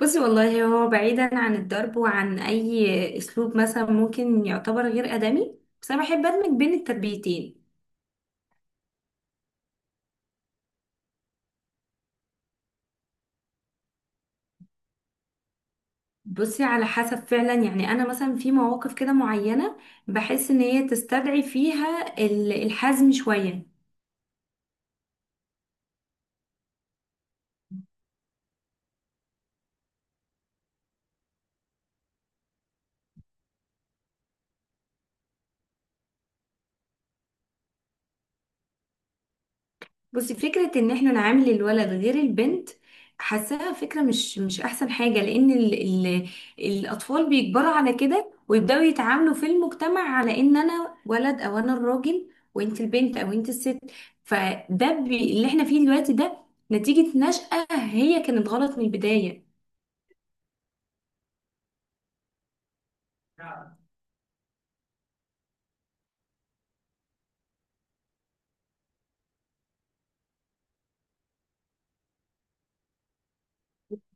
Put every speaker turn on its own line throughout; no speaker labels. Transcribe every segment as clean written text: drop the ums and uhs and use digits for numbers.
بصي، والله هو بعيدا عن الضرب وعن اي اسلوب مثلا ممكن يعتبر غير ادمي. بس انا بحب ادمج بين التربيتين. بصي، على حسب فعلا. يعني انا مثلا في مواقف كده معينة بحس ان هي تستدعي فيها الحزم شوية. بصي، فكرة ان احنا نعامل الولد غير البنت حاساها فكرة مش احسن حاجة، لان ال الاطفال بيكبروا على كده ويبدأوا يتعاملوا في المجتمع على ان انا ولد او انا الراجل وانت البنت او انت الست. فده بي اللي احنا فيه دلوقتي ده نتيجة نشأة هي كانت غلط من البداية.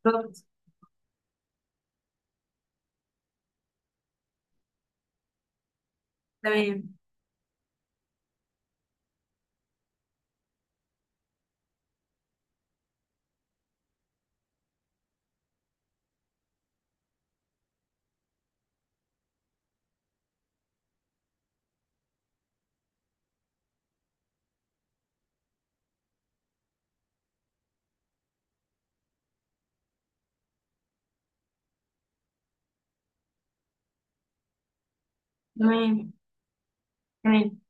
بالظبط. تمام تمام تمام.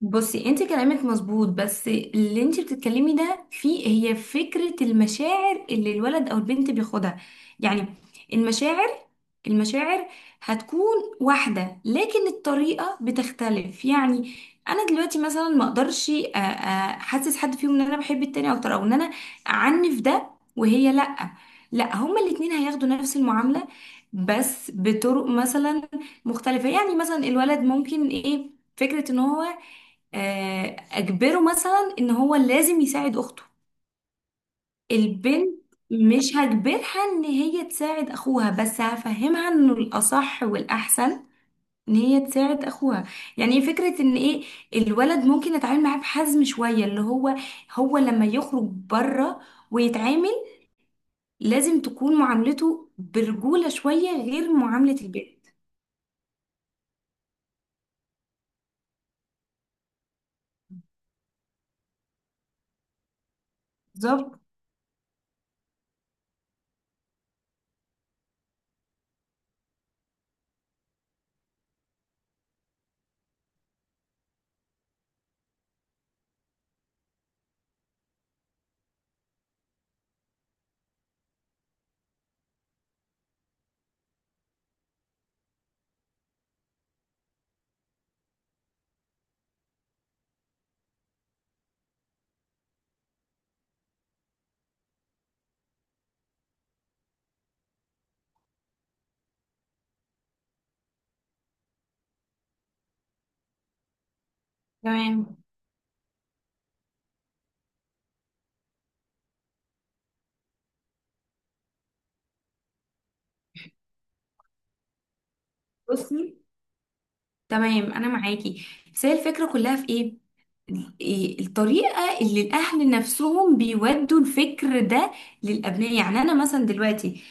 بصي، انت كلامك مظبوط، بس اللي انت بتتكلمي ده فيه هي فكرة المشاعر اللي الولد او البنت بياخدها. يعني المشاعر، المشاعر هتكون واحدة لكن الطريقة بتختلف. يعني انا دلوقتي مثلا ما اقدرش احسس حد فيهم ان انا بحب التاني اكتر او ان انا اعنف ده وهي لا. لا، هما الاتنين هياخدوا نفس المعاملة بس بطرق مثلا مختلفة. يعني مثلا الولد ممكن ايه، فكرة ان هو اجبره مثلا ان هو لازم يساعد اخته. البنت مش هجبرها ان هي تساعد اخوها، بس هفهمها انه الاصح والاحسن ان هي تساعد اخوها. يعني فكرة ان ايه، الولد ممكن اتعامل معاه بحزم شوية، اللي هو هو لما يخرج بره ويتعامل لازم تكون معاملته برجولة شوية غير معاملة البنت. بالظبط. تمام. بصي، تمام، انا معاكي. بس هي الفكره كلها في ايه؟ إيه الطريقه اللي الاهل نفسهم بيودوا الفكر ده للابناء؟ يعني انا مثلا دلوقتي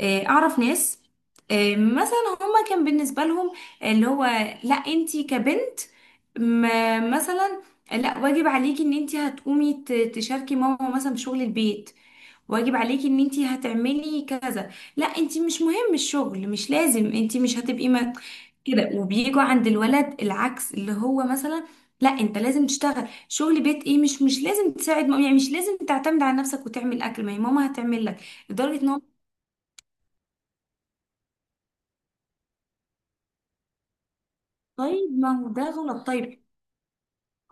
اعرف ناس، مثلا هما كان بالنسبه لهم اللي هو لا انتي كبنت ما مثلا لا، واجب عليكي ان انتي هتقومي تشاركي ماما مثلا في شغل البيت، واجب عليكي ان انتي هتعملي كذا. لا انتي مش مهم الشغل، مش لازم، انتي مش هتبقي كده. وبيجوا عند الولد العكس، اللي هو مثلا لا انت لازم تشتغل شغل بيت ايه، مش لازم تساعد ماما. يعني مش لازم تعتمد على نفسك وتعمل اكل، ما هي ماما هتعمل لك، لدرجه ان هو. طيب ما هو ده غلط. طيب،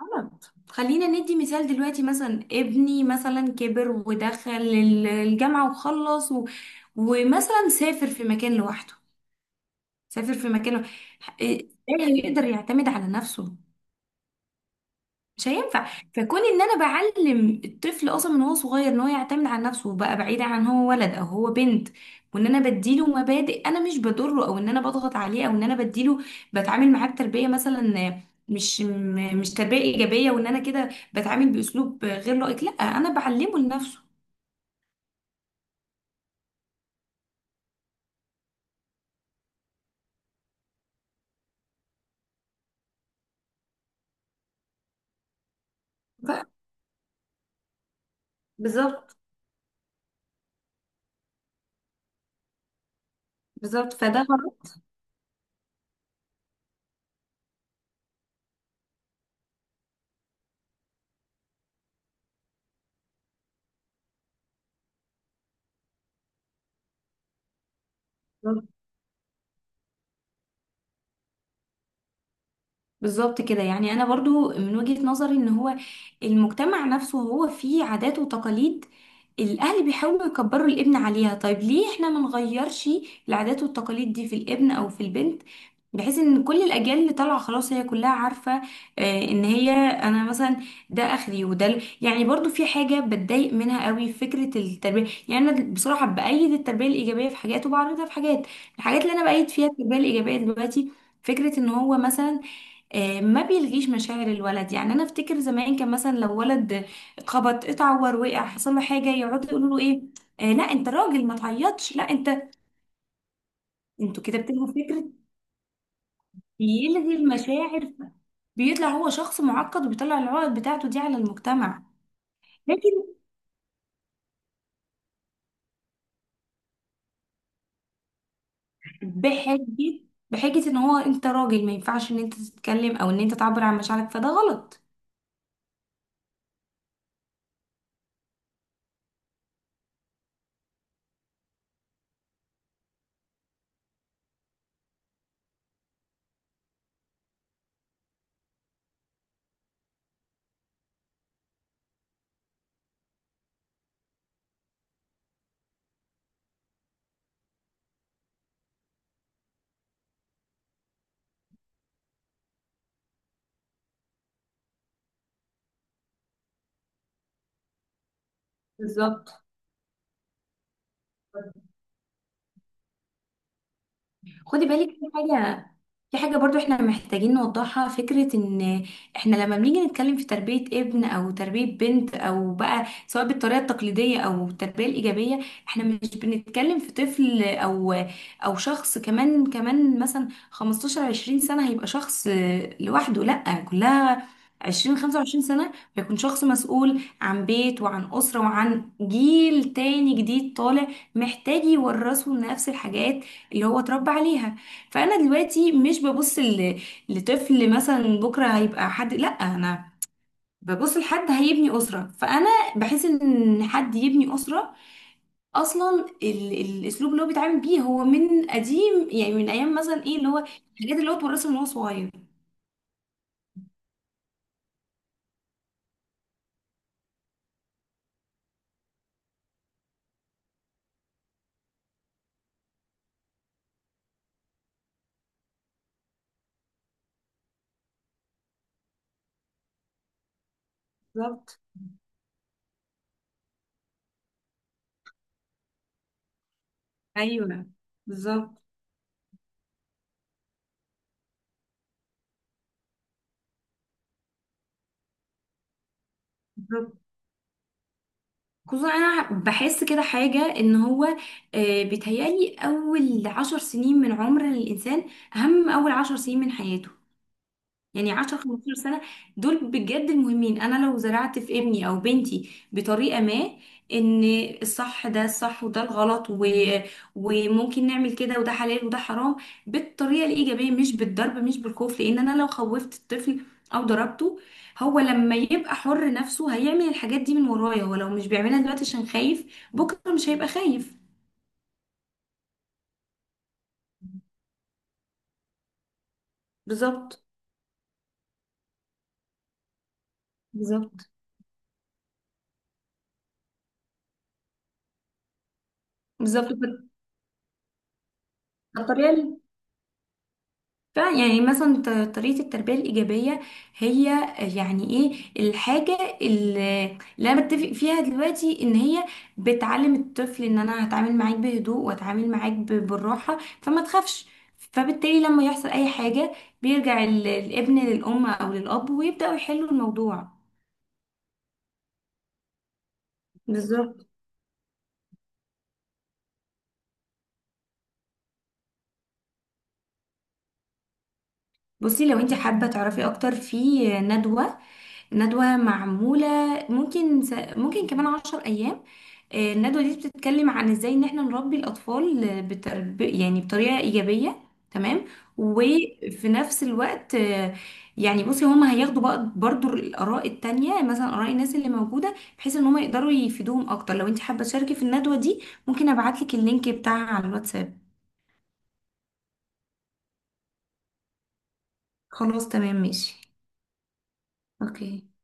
غلط. خلينا ندي مثال دلوقتي، مثلا ابني مثلا كبر ودخل الجامعه وخلص و... ومثلا سافر في مكان لوحده، سافر في مكان لوحده. ايه، هيقدر يعتمد على نفسه؟ مش هينفع. فكون ان انا بعلم الطفل اصلا من هو صغير ان هو يعتمد على نفسه وبقى بعيد عن هو ولد او هو بنت، وان انا بديله مبادئ انا مش بضره او ان انا بضغط عليه او ان انا بديله، بتعامل معاه بتربيه مثلا مش تربيه ايجابيه، وان انا كده بتعامل باسلوب غير لائق. لا انا بعلمه لنفسه. ف- بالظبط. بالظبط، فده غلط. بالظبط كده. يعني انا برضو من وجهة نظري ان هو المجتمع نفسه هو فيه عادات وتقاليد الاهل بيحاولوا يكبروا الابن عليها. طيب ليه احنا ما نغيرش العادات والتقاليد دي في الابن او في البنت، بحيث ان كل الاجيال اللي طالعه خلاص هي كلها عارفه ان هي انا مثلا ده اخري وده يعني. برضو في حاجه بتضايق منها قوي فكره التربيه. يعني انا بصراحه بايد التربيه الايجابيه في حاجات وبعرضها في حاجات. الحاجات اللي انا بايد فيها التربيه الايجابيه دلوقتي فكره ان هو مثلا ما بيلغيش مشاعر الولد. يعني انا افتكر زمان كان مثلا لو ولد اتخبط اتعور وقع حصل له حاجه يقعدوا يقولوا له ايه، آه لا انت راجل ما تعيطش، لا انت. انتوا كده بتلغوا فكره، بيلغي المشاعر، بيطلع هو شخص معقد وبيطلع العقد بتاعته دي على المجتمع. لكن بحجه بحجه ان هو انت راجل ما ينفعش ان انت تتكلم او ان انت تعبر عن مشاعرك. فده غلط. بالظبط. خدي بالك في حاجة، في حاجة برضو احنا محتاجين نوضحها. فكرة ان احنا لما بنيجي نتكلم في تربية ابن او تربية بنت او بقى، سواء بالطريقة التقليدية او التربية الايجابية، احنا مش بنتكلم في طفل او شخص كمان مثلا 15 20 سنة هيبقى شخص لوحده، لا كلها 20 25 سنة بيكون شخص مسؤول عن بيت وعن أسرة وعن جيل تاني جديد طالع محتاج يورثه نفس الحاجات اللي هو اتربى عليها. فانا دلوقتي مش ببص لطفل مثلا بكره هيبقى حد. لا انا ببص لحد هيبني اسره. فانا بحس ان حد يبني اسره اصلا الاسلوب اللي هو بيتعامل بيه هو من قديم، يعني من ايام مثلا ايه، اللي هو الحاجات اللي هو اتورثها من هو صغير. بالظبط. ايوه. بالظبط. بالظبط. خصوصا انا بحس كده حاجه ان هو بيتهيألي اول عشر سنين من عمر الانسان اهم من اول عشر سنين من حياته. يعني 10 15 سنة دول بجد المهمين. انا لو زرعت في ابني او بنتي بطريقة ما ان الصح ده الصح وده الغلط و... وممكن نعمل كده وده حلال وده حرام، بالطريقة الإيجابية، مش بالضرب، مش بالخوف، لان انا لو خوفت الطفل او ضربته، هو لما يبقى حر نفسه هيعمل الحاجات دي من ورايا. ولو مش بيعملها دلوقتي عشان خايف، بكرة مش هيبقى خايف. بالظبط. بالظبط. بالظبط. الطريقة، فيعني مثلا طريقة التربية الإيجابية هي يعني إيه؟ الحاجة اللي اللي أنا بتفق فيها دلوقتي إن هي بتعلم الطفل إن أنا هتعامل معاك بهدوء وأتعامل معاك بالراحة فما تخافش. فبالتالي لما يحصل أي حاجة بيرجع الابن للأم أو للأب ويبدأوا يحلوا الموضوع. بالظبط. بصي، لو انت حابة تعرفي أكتر في ندوة، ندوة معمولة ممكن ممكن كمان عشر أيام. الندوة دي بتتكلم عن ازاي ان احنا نربي الأطفال يعني بطريقة إيجابية. تمام. وفي نفس الوقت يعني بصي هما هياخدوا بقى برضو الآراء التانية مثلا آراء الناس اللي موجودة بحيث ان هما يقدروا يفيدوهم أكتر. لو انت حابة تشاركي في الندوة دي، ممكن أبعتلك اللينك بتاعها على الواتساب. خلاص، تمام، ماشي. اوكي.